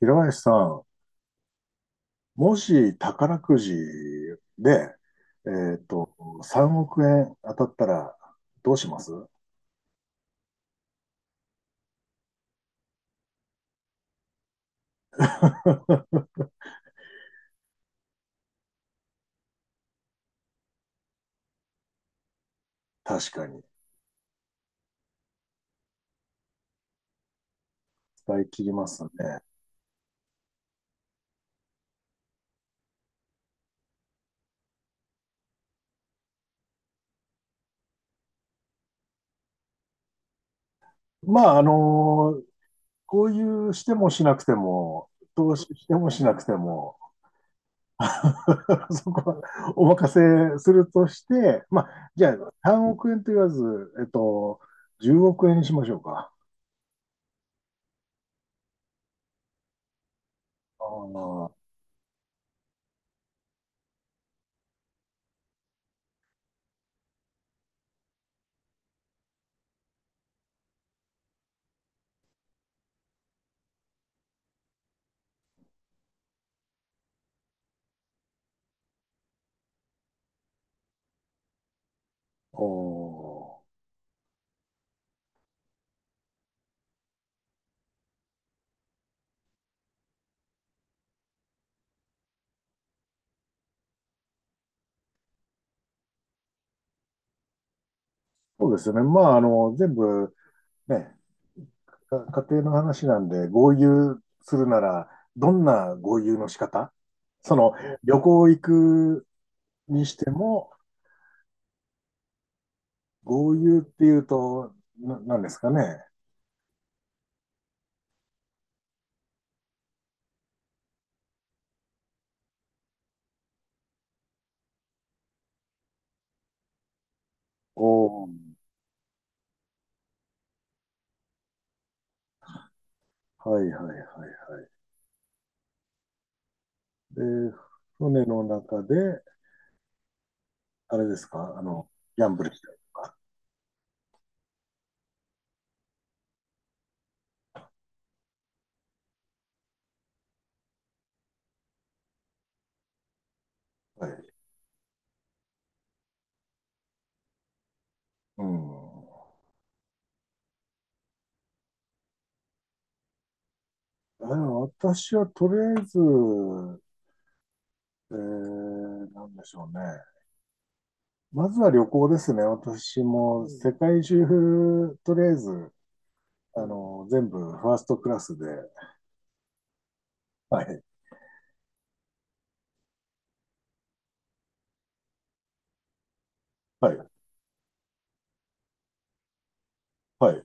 平林さん、もし宝くじで、えっと、3億円当たったらどうします？確かに。使い切りますね。まあ、こういうしてもしなくても、投資してもしなくても、そこはお任せするとして、まあ、じゃあ3億円と言わず、10億円にしましょうか。あー、おー、そうですね。まあ、全部、ね、家庭の話なんで、豪遊するなら、どんな豪遊の仕方、その、旅行行くにしても、豪遊っていうと、なんですかね。おー、はい、はい、はい、はい。で、船の中で、あれですか、ギャンブルしたりとか。はい。うん。あ、私はとりあえず、なんでしょうね。まずは旅行ですね。私も世界中、とりあえず全部ファーストクラスで、はい、はい、はい。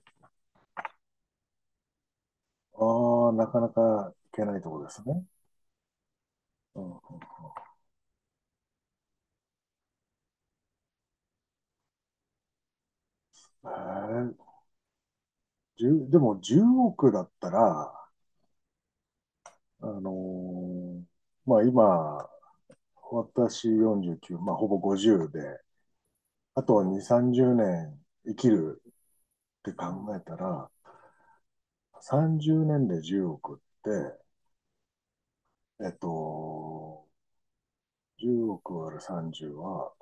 ああ、なかなかいけないところですね。うん、えー、じゅうでも10億だったら、あのーまあ今、私49、まあほぼ50で、あとは2、30年生きるって考えたら、30年で10億って、えっと、10億割る30は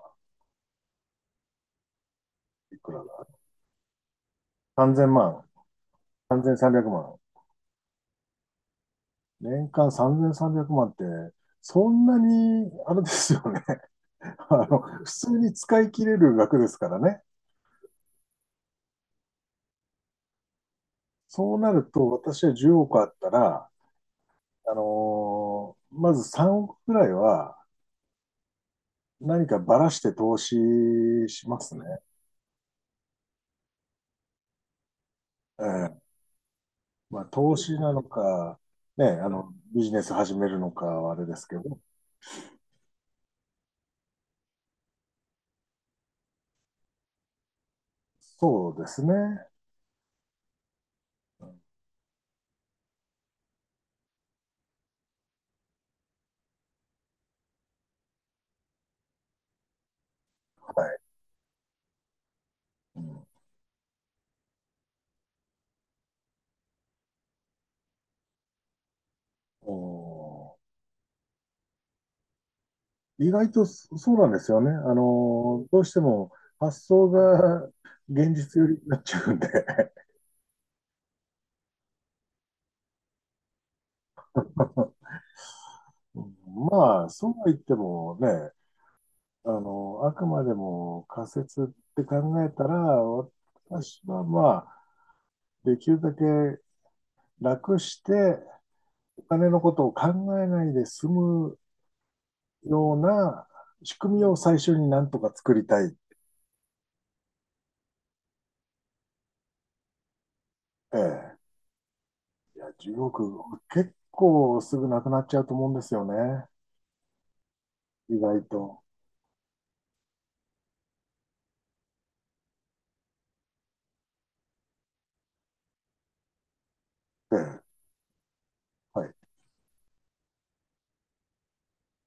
いくらだ ?3000 万、3300万。年間3300万って、そんなに、あれですよね。あの、普通に使い切れる額ですからね。そうなると、私は10億あったら、まず3億くらいは何かばらして投資しますね。ええ、まあ、投資なのか、ね、ビジネス始めるのかはあれですけど、そうですね。はい。うん。おー。意外とそうなんですよね。どうしても発想が現実寄りになっちゃうんで。まあ、そうは言ってもね、あくまでも仮説って考えたら、私はまあ、できるだけ楽してお金のことを考えないで済むような仕組みを最初になんとか作りたい。ええ。いや、10億、結構すぐなくなっちゃうと思うんですよね。意外と。て、はい。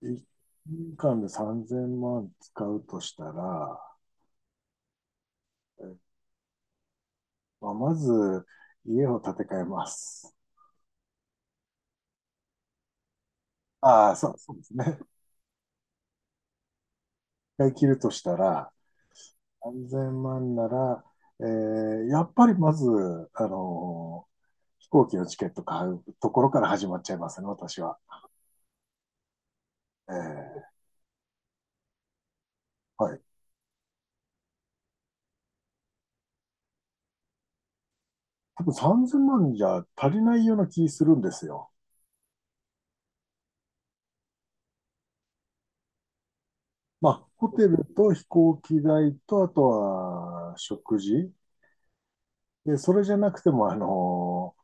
1年間で3000万使うとしたら、えまあ、まず家を建て替えます。ああ、そう、そうですね。一回切るとしたら、3000万なら、やっぱりまず、あのー飛行機のチケット買うところから始まっちゃいますね、私は。えー、はい。多分3000万じゃ足りないような気するんですよ。まあ、ホテルと飛行機代と、あとは食事で、それじゃなくても、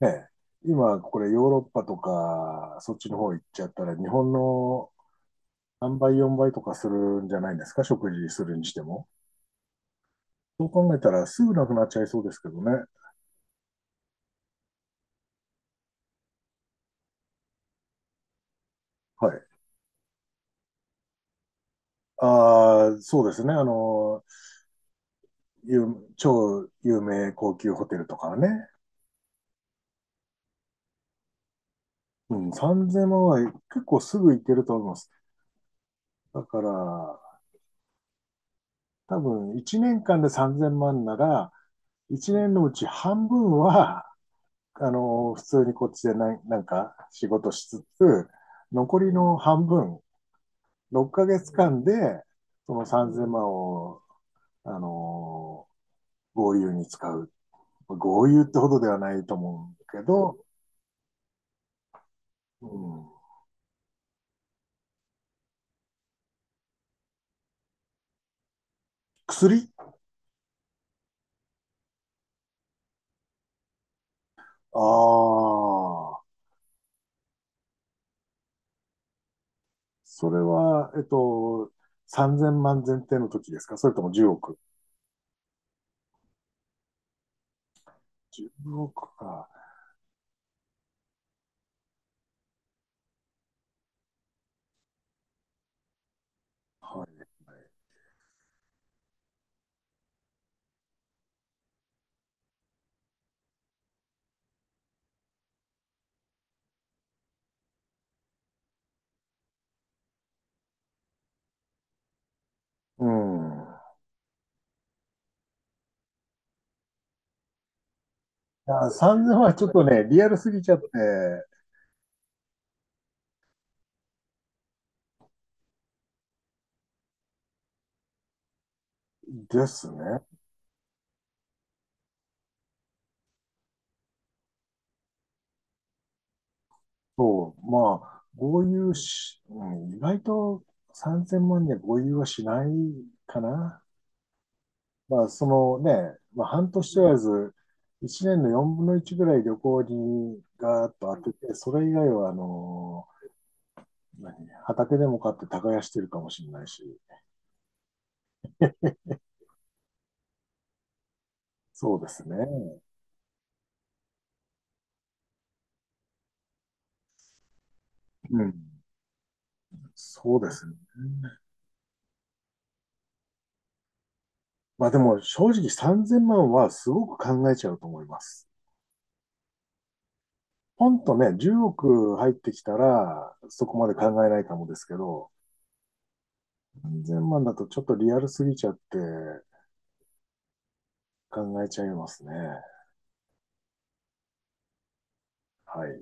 ね、今これヨーロッパとか、そっちの方行っちゃったら、日本の3倍、4倍とかするんじゃないですか、食事するにしても。そう考えたら、すぐなくなっちゃいそうですけどね。はい。ああ、そうですね。有超有名高級ホテルとかはね。うん、3000万は結構すぐ行けると思います。だから、多分1年間で3000万なら、1年のうち半分は普通にこっちでなんか仕事しつつ、残りの半分、6ヶ月間で、その3000万を、あの、豪遊に使う。豪遊ってほどではないと思うけど、うん、薬、ああ、それは、3000万前提の時ですか、それとも10億、1億か。はい。うん。いや3000万はちょっとね、リアルすぎちゃって、ですね。そう、まあ、豪遊し、うん、意外と3000万には合流はしないかな。まあ、そのね、まあ、半年とらず、1年の4分の1ぐらい旅行にガーッと当てて、それ以外は、何、畑でも買って耕してるかもしれないし、そうですね。うん、そうですね。まあでも正直3000万はすごく考えちゃうと思います。ポンとね、10億入ってきたら、そこまで考えないかもですけど、3000万だとちょっとリアルすぎちゃって考えちゃいますね。はい。